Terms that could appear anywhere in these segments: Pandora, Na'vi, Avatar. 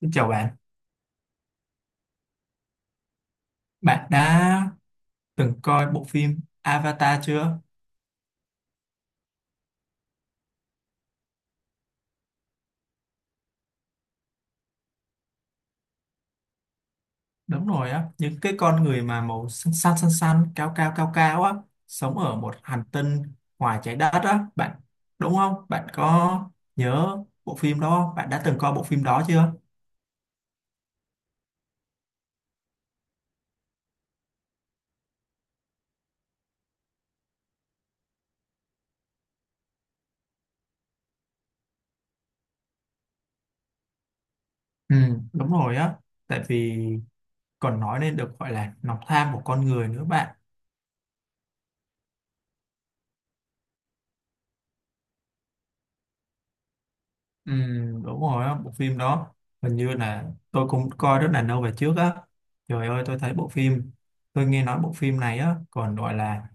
Xin chào bạn, bạn đã từng coi bộ phim Avatar chưa? Đúng rồi á, những cái con người mà màu xanh xanh, cao cao á, sống ở một hành tinh ngoài trái đất á, bạn đúng không? Bạn có nhớ bộ phim đó không? Bạn đã từng coi bộ phim đó chưa? Ừ, đúng rồi á, tại vì còn nói nên được gọi là lòng tham của con người nữa bạn. Ừ, đúng rồi á, bộ phim đó hình như là tôi cũng coi rất là lâu về trước á. Trời ơi, tôi thấy bộ phim, tôi nghe nói bộ phim này á còn gọi là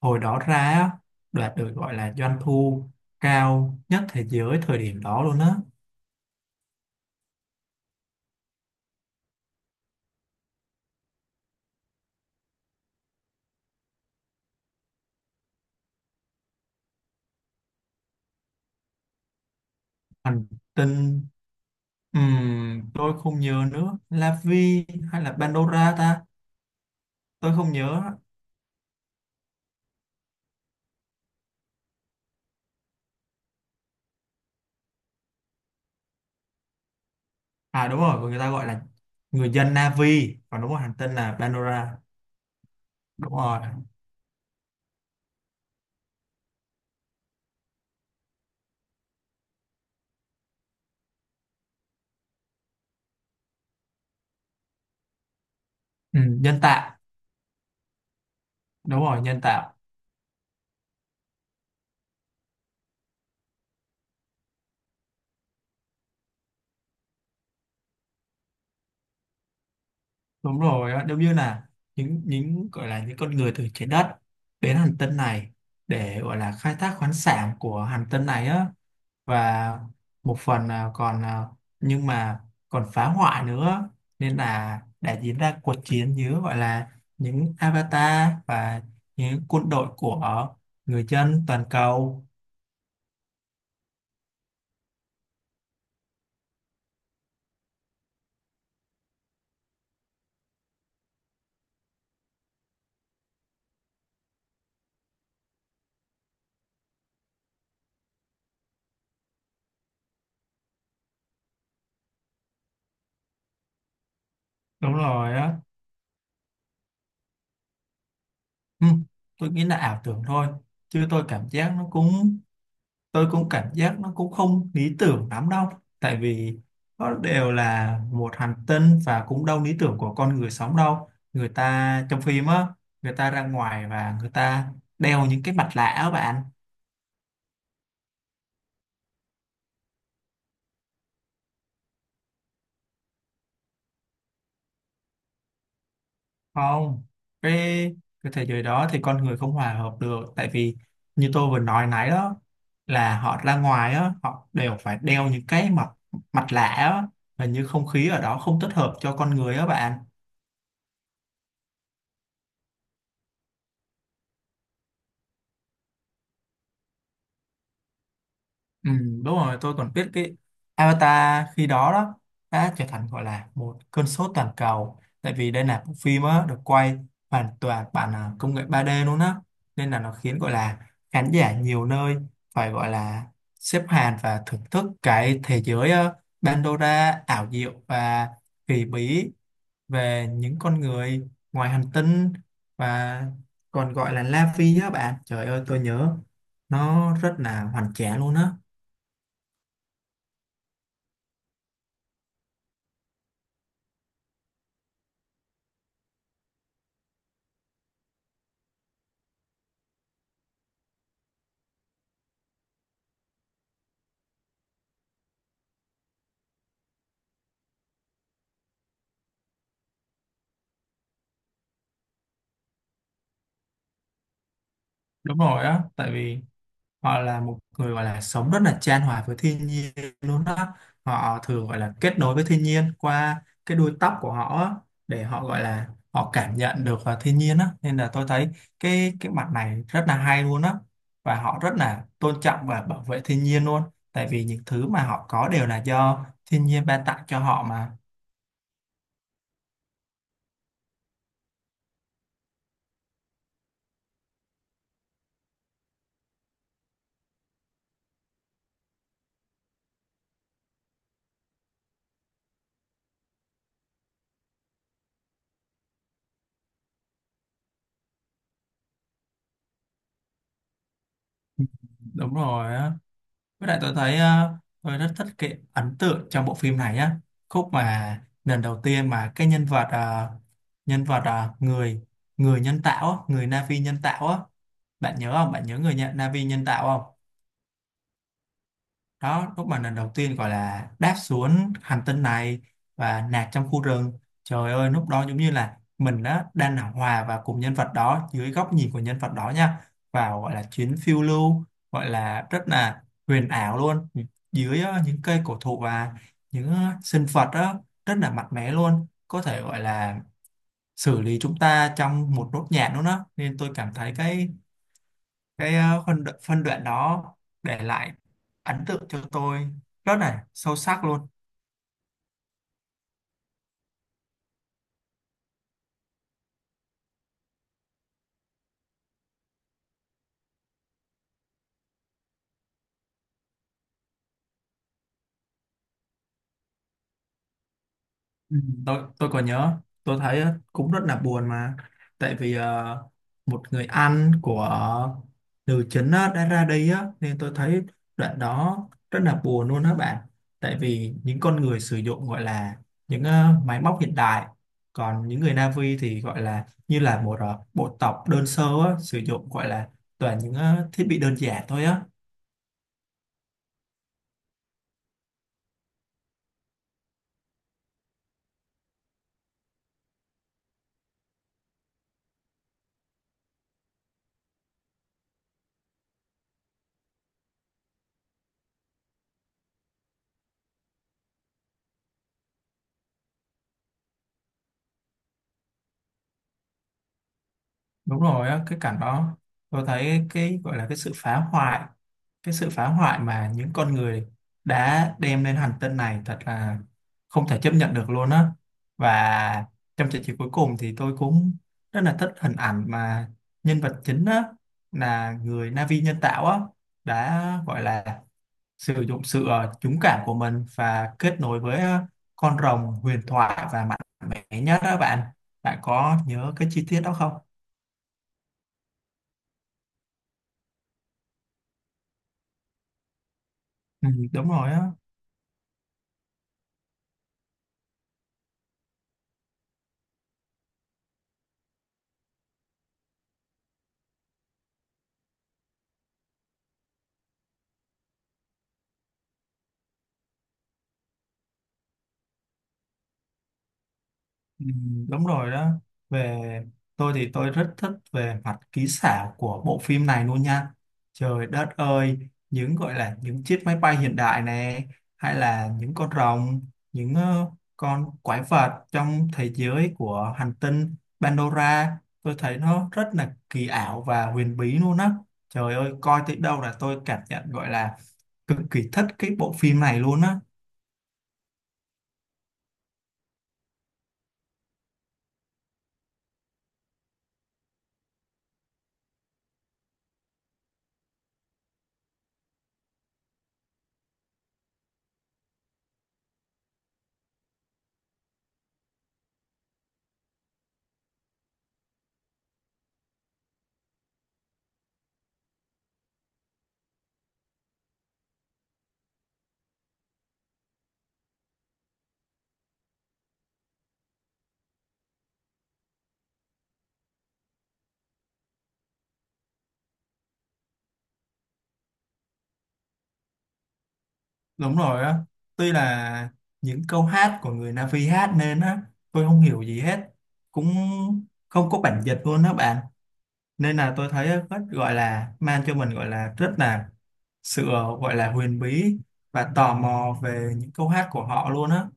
hồi đó ra á, đạt được gọi là doanh thu cao nhất thế giới thời điểm đó luôn á. Hành tinh tôi không nhớ nữa, La Vi hay là Pandora ta, tôi không nhớ. À đúng rồi, người ta gọi là người dân Navi, còn đúng rồi, hành tinh là Pandora. Đúng rồi. Ừ, nhân tạo. Đúng rồi, nhân tạo. Đúng rồi á, giống như là những gọi là những con người từ trái đất đến hành tinh này để gọi là khai thác khoáng sản của hành tinh này á, và một phần là còn nhưng mà còn phá hoại nữa, nên là đã diễn ra cuộc chiến giữa gọi là những avatar và những quân đội của người dân toàn cầu. Đúng rồi á. Ừ, tôi nghĩ là ảo tưởng thôi, chứ tôi cảm giác nó cũng tôi cũng cảm giác nó cũng không lý tưởng lắm đâu, tại vì nó đều là một hành tinh và cũng đâu lý tưởng của con người sống đâu, người ta trong phim á, người ta ra ngoài và người ta đeo những cái mặt nạ á bạn. Không, cái cái thế giới đó thì con người không hòa hợp được, tại vì như tôi vừa nói nãy đó, là họ ra ngoài á, họ đều phải đeo những cái mặt mặt nạ á, hình như không khí ở đó không thích hợp cho con người á bạn. Ừ, đúng rồi, tôi còn biết cái Avatar khi đó đó đã trở thành gọi là một cơn sốt toàn cầu, tại vì đây là bộ phim á, được quay hoàn toàn bằng công nghệ 3D luôn á, nên là nó khiến gọi là khán giả nhiều nơi phải gọi là xếp hàng và thưởng thức cái thế giới Pandora ảo diệu và kỳ bí về những con người ngoài hành tinh, và còn gọi là La Phi á bạn. Trời ơi, tôi nhớ nó rất là hoành tráng luôn á. Đúng rồi á, tại vì họ là một người gọi là sống rất là chan hòa với thiên nhiên luôn đó, họ thường gọi là kết nối với thiên nhiên qua cái đuôi tóc của họ á, để họ gọi là họ cảm nhận được thiên nhiên á, nên là tôi thấy cái mặt này rất là hay luôn á, và họ rất là tôn trọng và bảo vệ thiên nhiên luôn, tại vì những thứ mà họ có đều là do thiên nhiên ban tặng cho họ mà. Đúng rồi á. Với lại tôi thấy tôi rất thích cái ấn tượng trong bộ phim này á, khúc mà lần đầu tiên mà cái nhân vật nhân vật người người nhân tạo á, người Na'vi nhân tạo á, bạn nhớ không, bạn nhớ người nhận Na'vi nhân tạo không? Đó lúc mà lần đầu tiên gọi là đáp xuống hành tinh này và nạt trong khu rừng, trời ơi lúc đó giống như là mình đó đang là hòa vào cùng nhân vật đó dưới góc nhìn của nhân vật đó nha, vào gọi là chuyến phiêu lưu gọi là rất là huyền ảo luôn, dưới những cây cổ thụ và những sinh vật đó rất là mạnh mẽ luôn, có thể gọi là xử lý chúng ta trong một nốt nhạc luôn đó, nên tôi cảm thấy cái phân đoạn đó để lại ấn tượng cho tôi rất là sâu sắc luôn. Ừ. Tôi còn nhớ, tôi thấy cũng rất là buồn mà, tại vì một người anh của nữ chính á, đã ra đi á, nên tôi thấy đoạn đó rất là buồn luôn á bạn, tại vì những con người sử dụng gọi là những máy móc hiện đại, còn những người Na'vi thì gọi là như là một bộ tộc đơn sơ á, sử dụng gọi là toàn những thiết bị đơn giản thôi á. Đúng rồi á, cái cảnh đó tôi thấy cái gọi là cái sự phá hoại, cái sự phá hoại mà những con người đã đem lên hành tinh này thật là không thể chấp nhận được luôn á, và trong trận chiến cuối cùng thì tôi cũng rất là thích hình ảnh mà nhân vật chính á là người Na'vi nhân tạo á đã gọi là sử dụng sự dũng cảm của mình và kết nối với con rồng huyền thoại và mạnh mẽ nhất đó bạn, bạn có nhớ cái chi tiết đó không? Ừ, đúng rồi á. Ừ, đúng rồi đó. Về tôi thì tôi rất thích về mặt kỹ xảo của bộ phim này luôn nha, trời đất ơi, những gọi là những chiếc máy bay hiện đại này, hay là những con rồng, những con quái vật trong thế giới của hành tinh Pandora, tôi thấy nó rất là kỳ ảo và huyền bí luôn á, trời ơi coi tới đâu là tôi cảm nhận gọi là cực kỳ thích cái bộ phim này luôn á. Đúng rồi á, tuy là những câu hát của người Na'vi hát nên á, tôi không hiểu gì hết, cũng không có bản dịch luôn đó bạn. Nên là tôi thấy rất gọi là mang cho mình gọi là rất là sự gọi là huyền bí và tò mò về những câu hát của họ luôn á.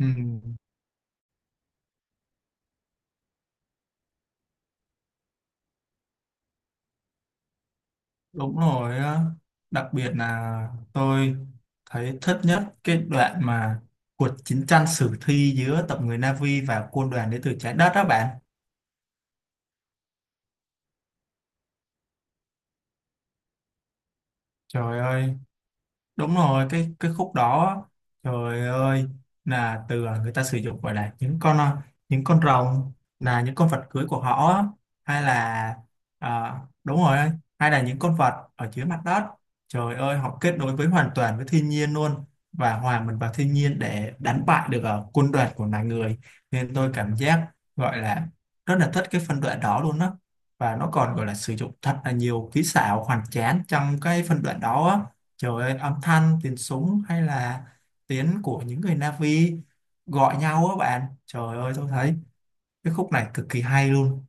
Ừ, đúng rồi á, đặc biệt là tôi thấy thích nhất cái đoạn mà cuộc chiến tranh sử thi giữa tộc người Na'vi và quân đoàn đến từ trái đất đó bạn. Trời ơi, đúng rồi cái khúc đó, trời ơi là từ người ta sử dụng gọi là những con những con rồng là những con vật cưới của họ á, hay là à, đúng rồi, hay là những con vật ở dưới mặt đất, trời ơi họ kết nối với hoàn toàn với thiên nhiên luôn và hòa mình vào thiên nhiên để đánh bại được quân đoàn của loài người, nên tôi cảm giác gọi là rất là thích cái phân đoạn đó luôn á, và nó còn gọi là sử dụng thật là nhiều kỹ xảo hoàn tráng trong cái phân đoạn đó á. Trời ơi, âm thanh, tiếng súng hay là tiếng của những người Na'vi gọi nhau á bạn. Trời ơi, tôi thấy cái khúc này cực kỳ hay luôn.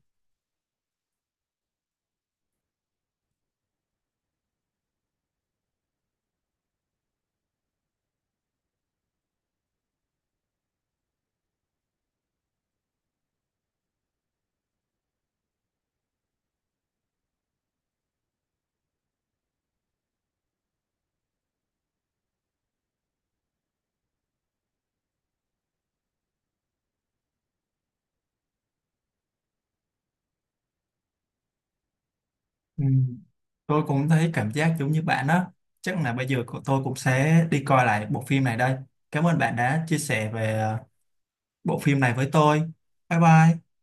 Ừ. Tôi cũng thấy cảm giác giống như bạn đó. Chắc là bây giờ của tôi cũng sẽ đi coi lại bộ phim này đây. Cảm ơn bạn đã chia sẻ về bộ phim này với tôi. Bye bye.